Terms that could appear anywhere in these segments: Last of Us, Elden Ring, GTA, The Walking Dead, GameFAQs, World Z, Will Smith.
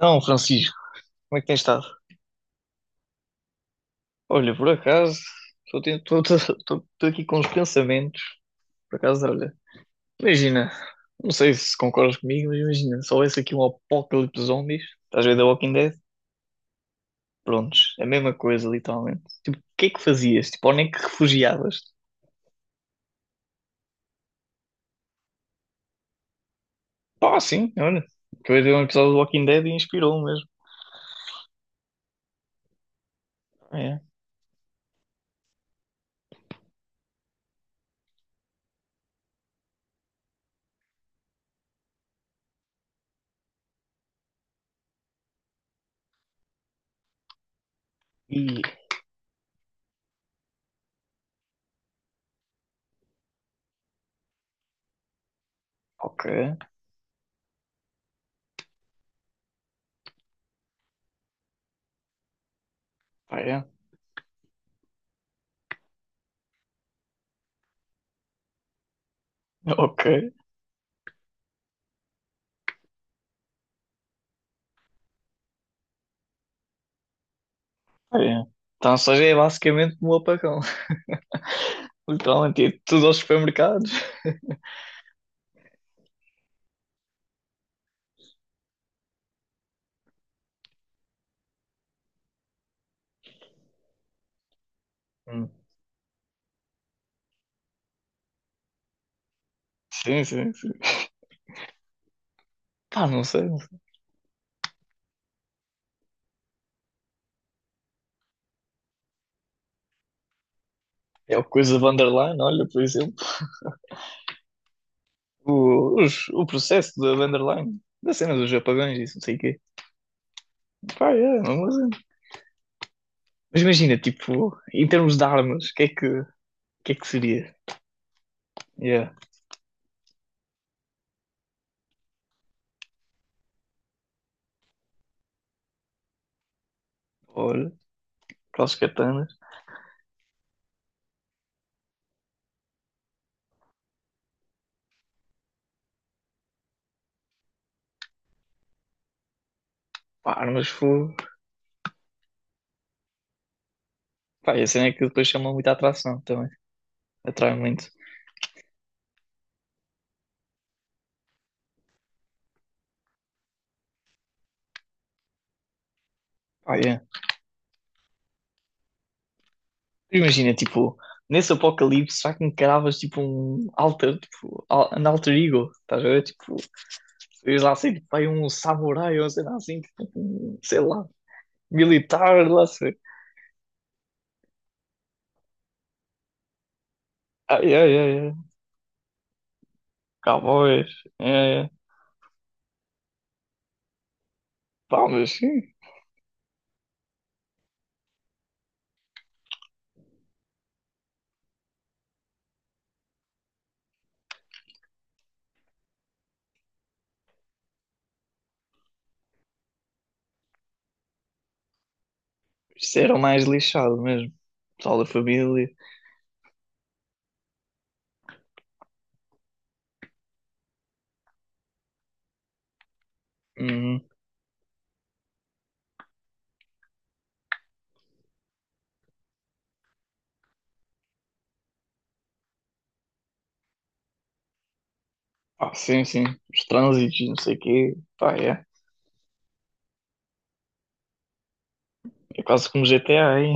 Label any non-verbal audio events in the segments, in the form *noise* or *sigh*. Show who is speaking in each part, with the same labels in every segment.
Speaker 1: Não, Francisco, como é que tens estado? Olha, por acaso, estou ten- estou- estou- estou- estou aqui com os pensamentos. Por acaso, olha, imagina, não sei se concordas comigo, mas imagina, se houvesse aqui um apocalipse de zombies, estás a ver The Walking Dead? Prontos, é a mesma coisa, literalmente. Tipo, o que é que fazias? Tipo, onde é que refugiavas? Pá, sim, olha, acabei de ver um episódio do Walking Dead e inspirou mesmo. Ah, é. E, ok, pá, é, *laughs* ok, pá, é. Então, ou seja, é basicamente um apagão. *laughs* Literalmente, ia tudo aos supermercados. Hum. Sim, sim, sim. Pá, não sei. Não sei. É o coisa Vanderline, olha, por exemplo. O processo da Vanderline, da cena dos apagões, isso, não sei o quê. Pá, é, não vou dizer. Mas imagina, tipo, em termos de armas, o que é que seria? Yeah. Olha, aquelas katanas. Pá, armas fogo. Pá, e a cena é que depois chama muita atração também. Atrai muito. Pá, yeah. Imagina, tipo, nesse apocalipse, já que encaravas, tipo, um alter, tipo, an alter ego, estás a ver? Tipo, diz lá assim, tipo, vai um samurai ou sei lá assim, tipo, um, sei lá, militar, lá sei. Ai, ai, ai, ai. Cowboys. Ai, ai. Pá, mas sim, isso era o mais lixado mesmo. Pessoal da família. Uhum. Ah, sim, sim. Os trânsitos, não sei o quê. Pá, é. É quase como GTA, hein?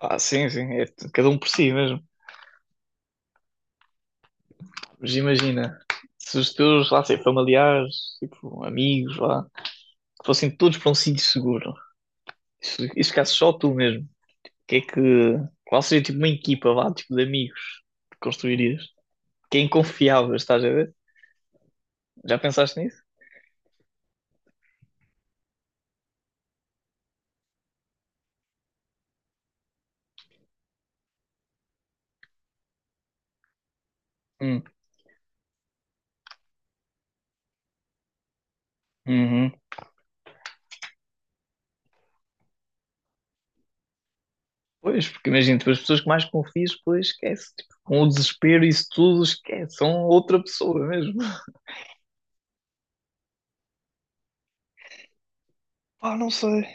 Speaker 1: Ah, sim, sim. Cada um por si mesmo. Mas imagina, se os teus, lá sei, familiares, tipo, amigos, lá, fossem todos para um sítio seguro. Isso ficasse só tu mesmo. Que é que. Qual seria tipo uma equipa, vá, tipo de amigos que construirias? Quem confiavas, estás a ver? Já pensaste nisso? Hum, uhum. Pois, porque imagina, tipo, as pessoas que mais confias, pois esquece. Tipo, com o desespero, isso tudo, esquece. São outra pessoa mesmo. Pá, não sei.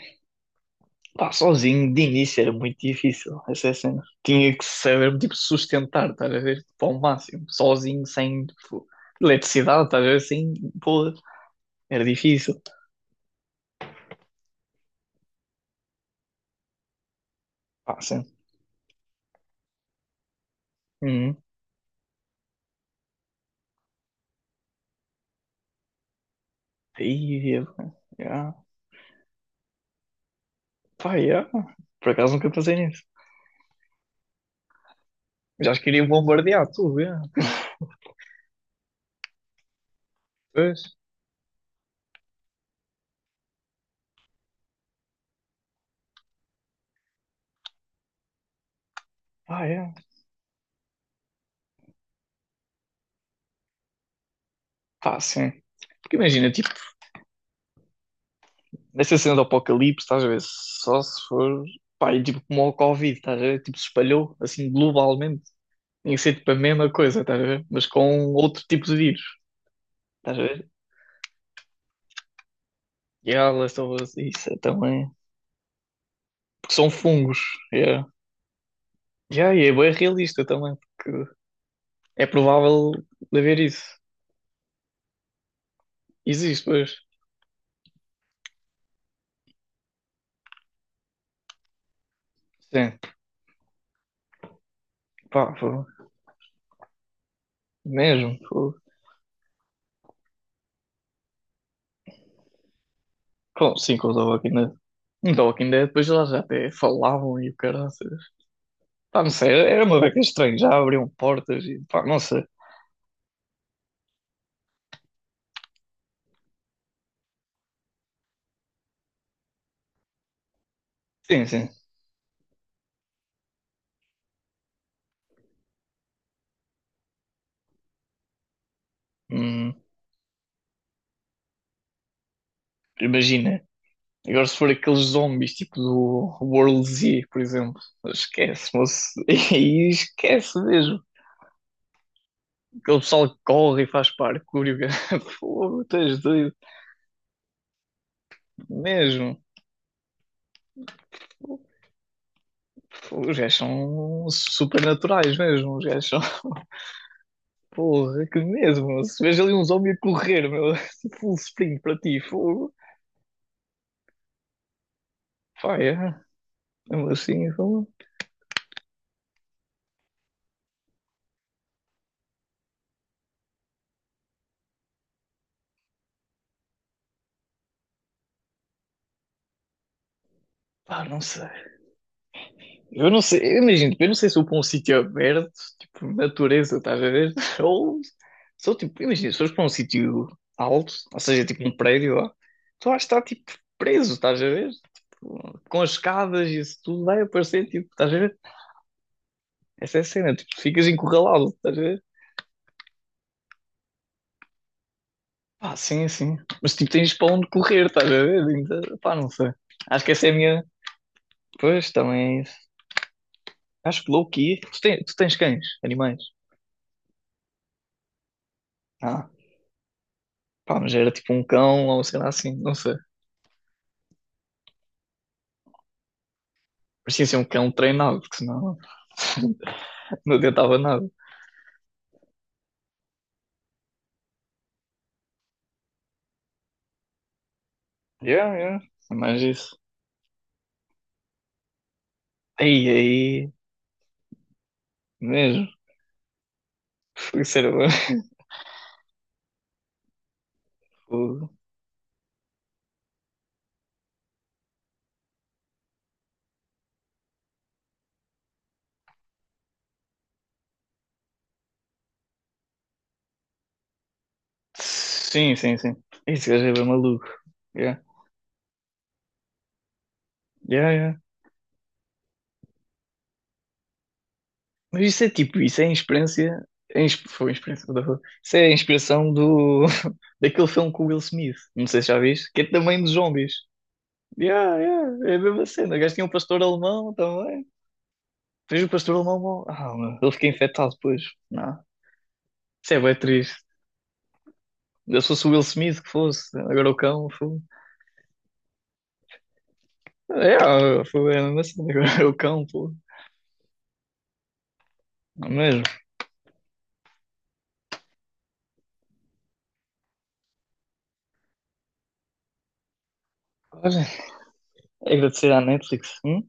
Speaker 1: Pá, sozinho, de início era muito difícil essa cena. Tinha que saber, tipo, sustentar, estás a ver? Tipo, ao máximo. Sozinho, sem, tipo, eletricidade, estás a ver? Sem, pô, era difícil. Pá, sim. Uhum. Aí, é, já. Pá, yeah. Por acaso nunca pensei nisso. Já acho que iria bombardear tudo, yeah. Pois. Pá, yeah. Pá, sim. Porque imagina, tipo, nessa cena do apocalipse, estás a ver? Só se for. Pá, e tipo como o Covid, estás a ver? Tipo, se espalhou assim globalmente. Tinha que ser tipo a mesma coisa, estás a ver? Mas com outro tipo de vírus, estás a ver? Yeah, Last of Us, isso é também. Porque são fungos, yeah. Yeah, e é bem realista também, porque é provável de haver isso. Existe, pois. Sim, pá, foi. Mesmo, foi. Com, sim, com os The Walking Dead. Em The Walking Dead, depois elas até falavam e o caraças. Pá, não sei, era uma beca estranha. Já abriam portas e pá, não sei. Sim, sim. Hum, Imagina. Agora, se for aqueles zombies tipo do World Z, por exemplo, esquece, moço. *laughs* E esquece mesmo. Aquele pessoal que corre e faz parkour. *laughs* Fogo, tens doido. Mesmo. Fogo, os gajos são supernaturais mesmo. Os gajos são. Porra, é que mesmo. Meu. Se vejo ali um zombie a correr, meu, *laughs* full sprint para ti, fogo. Pá, é. Mesmo assim, fogo. Pá, não sei. Eu não sei, eu imagino, tipo, eu não sei se eu para um sítio aberto, tipo, natureza, estás a ver? *laughs* Ou, sou tipo, imagina, se fores para um sítio alto, ou seja, tipo um prédio lá, tu vais estar, tipo, preso, estás a ver? Tipo, com as escadas e isso tudo vai aparecer, tipo, estás a ver? Essa é a cena, tipo, ficas encurralado, estás a ver? Pá, sim, sim. Mas tipo, tens para onde correr, estás a ver? Então, pá, não sei. Acho que essa é a minha. Pois, também é isso. Acho que low-key. Tu tens cães, animais. Ah, pá, mas era tipo um cão ou sei lá assim, não sei. Parecia ser um cão treinado, porque senão *laughs* não adiantava nada. Yeah, yeah. É mais isso. Aí, aí. Mesmo. Foi sério. *laughs* Fogo. Sim, sim, sim. Esse gajo é bem maluco. Yeah. Yeah, yeah. Mas isso é tipo, isso é a experiência. Foi a experiência, what the fuck? Isso é a inspiração do, *laughs* daquele filme com o Will Smith. Não sei se já viste, que é também de zombies. Yeah, yeah, é a mesma cena. O gajo tinha um pastor alemão também. Depois o pastor alemão, meu, ele fica infectado depois. Não, isso é bem triste. Eu Se fosse o Will Smith que fosse, agora o cão, foi. É, foi a mesma cena, agora é o cão, pô. Não é mesmo? Olha, é agradecer à Netflix. Hum?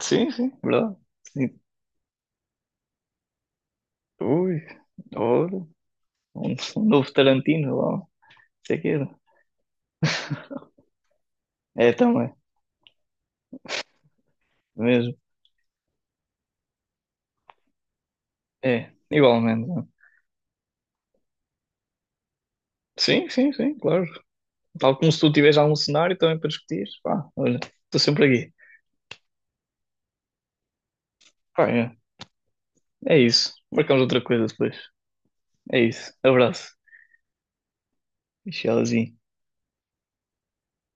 Speaker 1: Sim, sim, verdade. Sim. Ui, ora. Um novo Tarantino, lá, não sei o quê. É, também, mesmo. É, igualmente. Né? Sim, sim, sim, claro. Tal como se tu tiveres algum cenário também para discutir, pá, olha, estou sempre aqui. Pá, é, isso. Marcamos outra coisa depois. É isso. Abraço. Tchauzinho.